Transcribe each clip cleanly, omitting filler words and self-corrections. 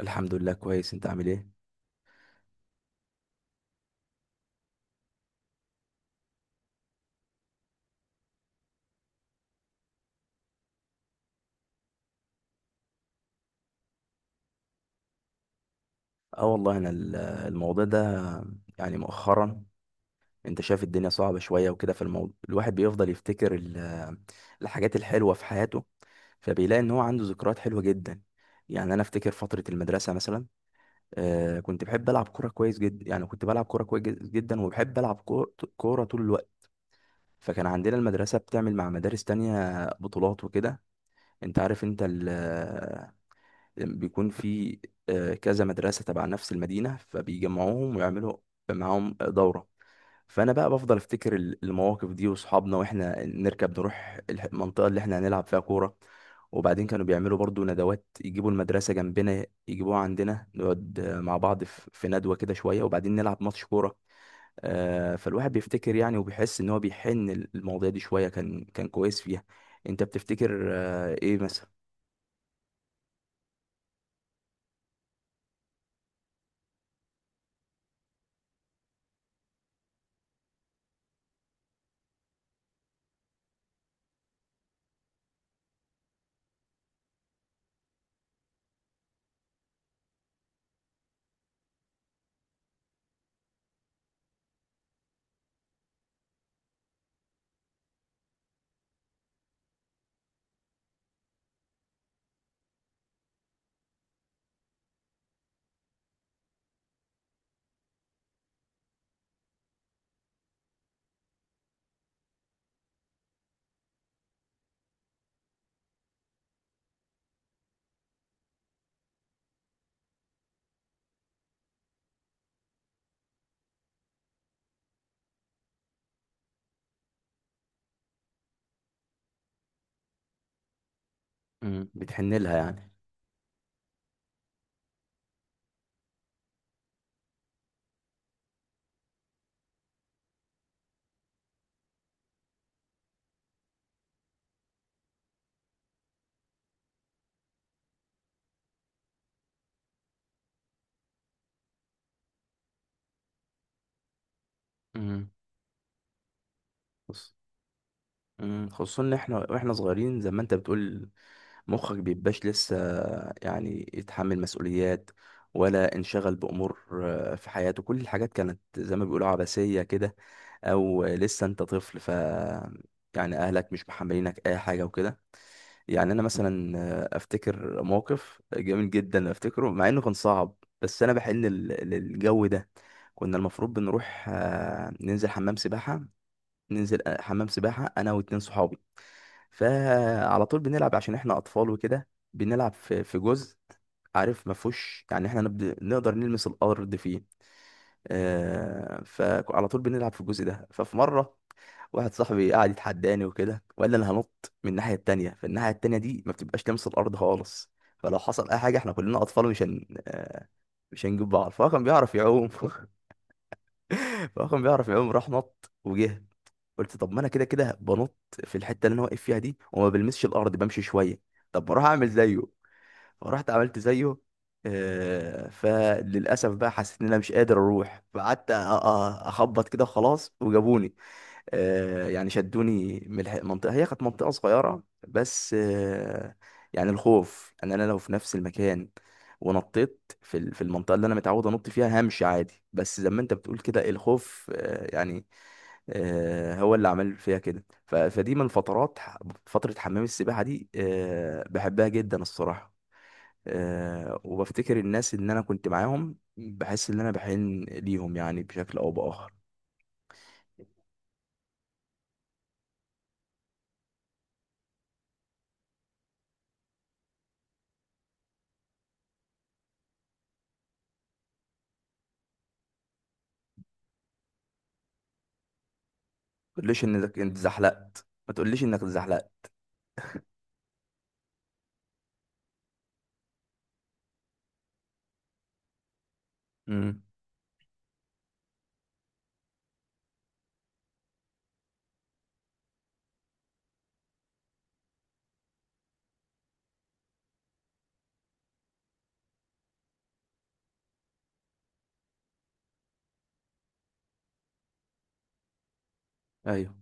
الحمد لله، كويس. انت عامل ايه؟ اه والله، انا الموضوع ده يعني مؤخرا، انت شايف الدنيا صعبة شوية وكده، في الموضوع الواحد بيفضل يفتكر الحاجات الحلوة في حياته، فبيلاقي ان هو عنده ذكريات حلوة جدا. يعني انا افتكر فترة المدرسة مثلا. كنت بحب العب كورة كويس جدا، يعني كنت بلعب كورة كويس جدا، وبحب العب كورة طول الوقت. فكان عندنا المدرسة بتعمل مع مدارس تانية بطولات وكده. انت عارف، بيكون في كذا مدرسة تبع نفس المدينة، فبيجمعوهم ويعملوا معاهم دورة. فأنا بقى بفضل أفتكر المواقف دي وصحابنا، وإحنا نركب نروح المنطقة اللي إحنا هنلعب فيها كورة. وبعدين كانوا بيعملوا برضو ندوات، يجيبوا المدرسة جنبنا يجيبوها عندنا، نقعد مع بعض في ندوة كده شوية، وبعدين نلعب ماتش كورة. فالواحد بيفتكر يعني، وبيحس إن هو بيحن. المواضيع دي شوية كان كويس فيها. أنت بتفتكر إيه مثلا؟ مم. بتحن لها يعني. مم. خصوصا ان احنا واحنا صغيرين زي ما انت بتقول، مخك بيبقاش لسه يعني يتحمل مسؤوليات، ولا انشغل بامور في حياته. كل الحاجات كانت زي ما بيقولوا عبثيه كده، او لسه انت طفل، يعني اهلك مش محملينك اي حاجه وكده. يعني انا مثلا افتكر موقف جميل جدا افتكره مع انه كان صعب، بس انا بحن للجو ده. كنا المفروض بنروح ننزل حمام سباحه، ننزل حمام سباحة أنا واتنين صحابي. فعلى طول بنلعب عشان إحنا أطفال وكده، بنلعب في جزء، عارف ما فيهوش، يعني إحنا نقدر نلمس الأرض فيه. فعلى طول بنلعب في الجزء ده. ففي مرة، واحد صاحبي قعد يتحداني وكده، وقال لي أنا هنط من الناحية التانية، فالناحية التانية دي ما بتبقاش لامس الأرض خالص. فلو حصل أي حاجة إحنا كلنا أطفال، مش هن... آه، مش هنجيب بعض. فهو كان بيعرف يعوم فهو كان بيعرف يعوم، راح نط وجه. قلت طب ما انا كده كده بنط في الحته اللي انا واقف فيها دي، وما بلمسش الارض، بمشي شويه. طب ما اروح اعمل زيه. فرحت عملت زيه. فللاسف بقى حسيت ان انا مش قادر اروح، فقعدت اخبط كده وخلاص، وجابوني. يعني شدوني من المنطقه، هي كانت منطقه صغيره بس. يعني الخوف ان انا لو في نفس المكان ونطيت في المنطقه اللي انا متعود انط فيها همشي عادي، بس زي ما انت بتقول كده، الخوف يعني هو اللي عمل فيها كده. فدي من فترات فترة حمام السباحة دي، بحبها جدا الصراحة. وبفتكر الناس اللي انا كنت معاهم، بحس ان انا بحن ليهم يعني بشكل او باخر. ما تقوليش انك انت زحلقت، ما تقوليش انك اتزحلقت؟ امم. ايوه.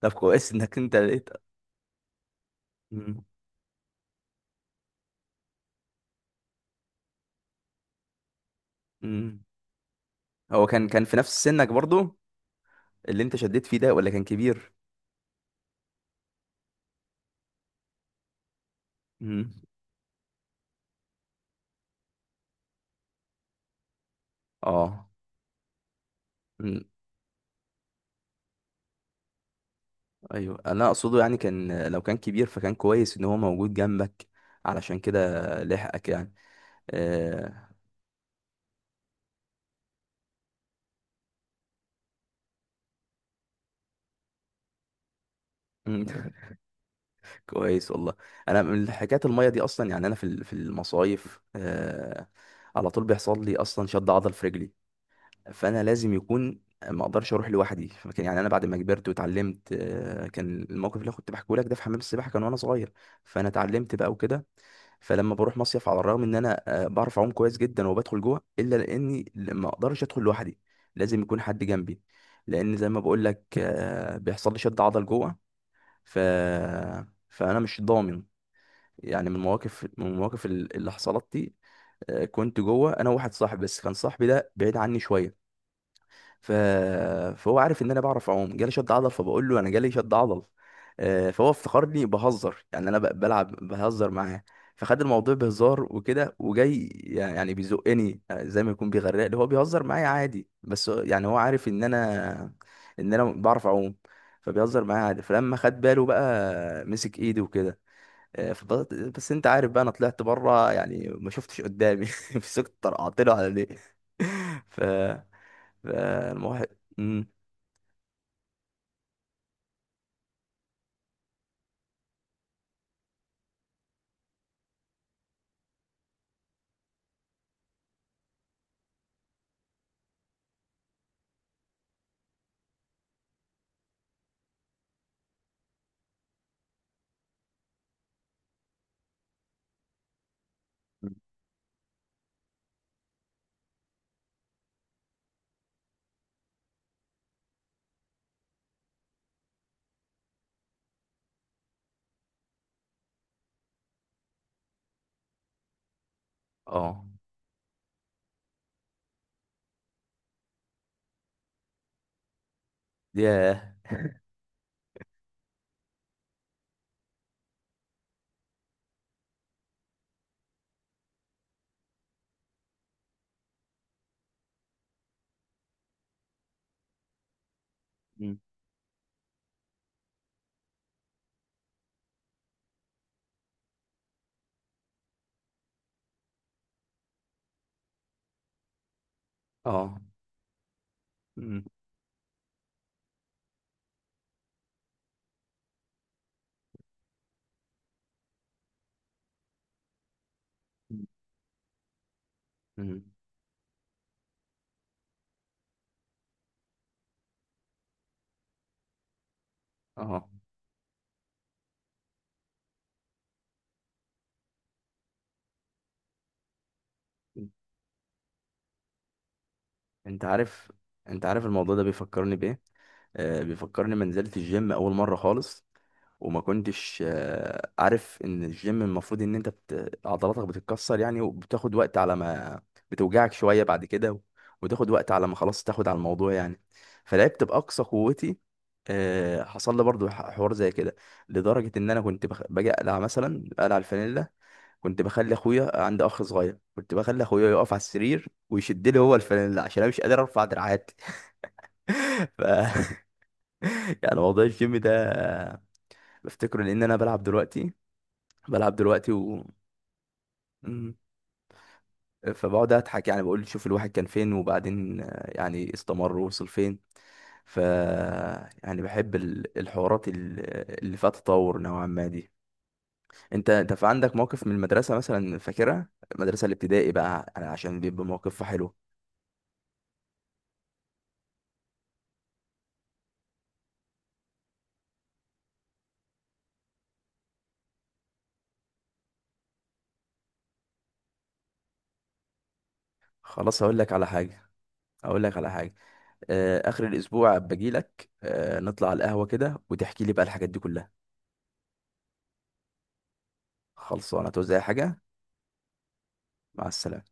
طب، كويس انك انت لقيت. امم. امم. هو كان في نفس سنك برضو، اللي انت شديت فيه ده ولا كان كبير؟ امم. اه. ايوه، انا اقصده يعني، كان لو كان كبير فكان كويس ان هو موجود جنبك، علشان كده لحقك يعني. آه... مم. كويس والله. انا من حكايه الميه دي اصلا يعني، انا في المصايف، على طول بيحصل لي اصلا شد عضل في رجلي، فانا لازم يكون، ما اقدرش اروح لوحدي. فكان يعني انا بعد ما كبرت واتعلمت، كان الموقف اللي أنا كنت بحكيه لك ده في حمام السباحه، كان وانا صغير، فانا اتعلمت بقى وكده. فلما بروح مصيف، على الرغم ان انا بعرف اعوم كويس جدا وبدخل جوه، الا لاني ما اقدرش ادخل لوحدي، لازم يكون حد جنبي، لان زي ما بقول لك بيحصل لي شد عضل جوه. ف فانا مش ضامن، يعني من المواقف اللي حصلت دي، كنت جوه انا وواحد صاحبي، بس كان صاحبي ده بعيد عني شويه. ف... فهو عارف ان انا بعرف اعوم، جالي شد عضل، فبقول له انا جالي شد عضل. فهو افتكرني بهزر، يعني انا بلعب بهزر معاه، فخد الموضوع بهزار وكده، وجاي يعني بيزقني زي ما يكون بيغرقني، هو بيهزر معايا عادي، بس يعني هو عارف ان انا بعرف اعوم، فبيهزر معايا عادي. فلما خد باله بقى مسك ايدي وكده. فضلت. بس انت عارف بقى، انا طلعت بره يعني ما شفتش قدامي مسكت طرقعت له على ليه. ف فالموحد. مم. اه. ياه. مم. اه. مم. مم. اه. انت عارف انت عارف الموضوع ده بيفكرني بايه. بيفكرني ما نزلت الجيم اول مره خالص، وما كنتش عارف ان الجيم المفروض ان انت عضلاتك بتتكسر يعني، وبتاخد وقت على ما بتوجعك شويه بعد كده، وتاخد وقت على ما خلاص تاخد على الموضوع يعني. فلعبت باقصى قوتي. حصل لي برضو حوار زي كده، لدرجه ان انا كنت باجي اقلع، مثلا اقلع الفانيلا. كنت بخلي اخويا، عندي اخ صغير، كنت بخلي اخويا يقف على السرير ويشد لي هو الفانيلا عشان انا مش قادر ارفع دراعاتي. ف... يعني موضوع الجيم ده بفتكره، لان انا بلعب دلوقتي، بلعب دلوقتي و مم. فبقعد اضحك، يعني بقول شوف الواحد كان فين، وبعدين يعني استمر ووصل فين. ف يعني بحب الحوارات اللي فيها تطور نوعا ما دي. انت في عندك موقف من المدرسة مثلا فاكرها؟ المدرسة الابتدائي بقى يعني، عشان بيبقى موقفها حلو. خلاص، اقول لك على حاجة، اقول لك على حاجة. اخر الاسبوع باجي لك، نطلع على القهوة كده وتحكي لي بقى الحاجات دي كلها. خلصانه توزع حاجه؟ مع السلامه.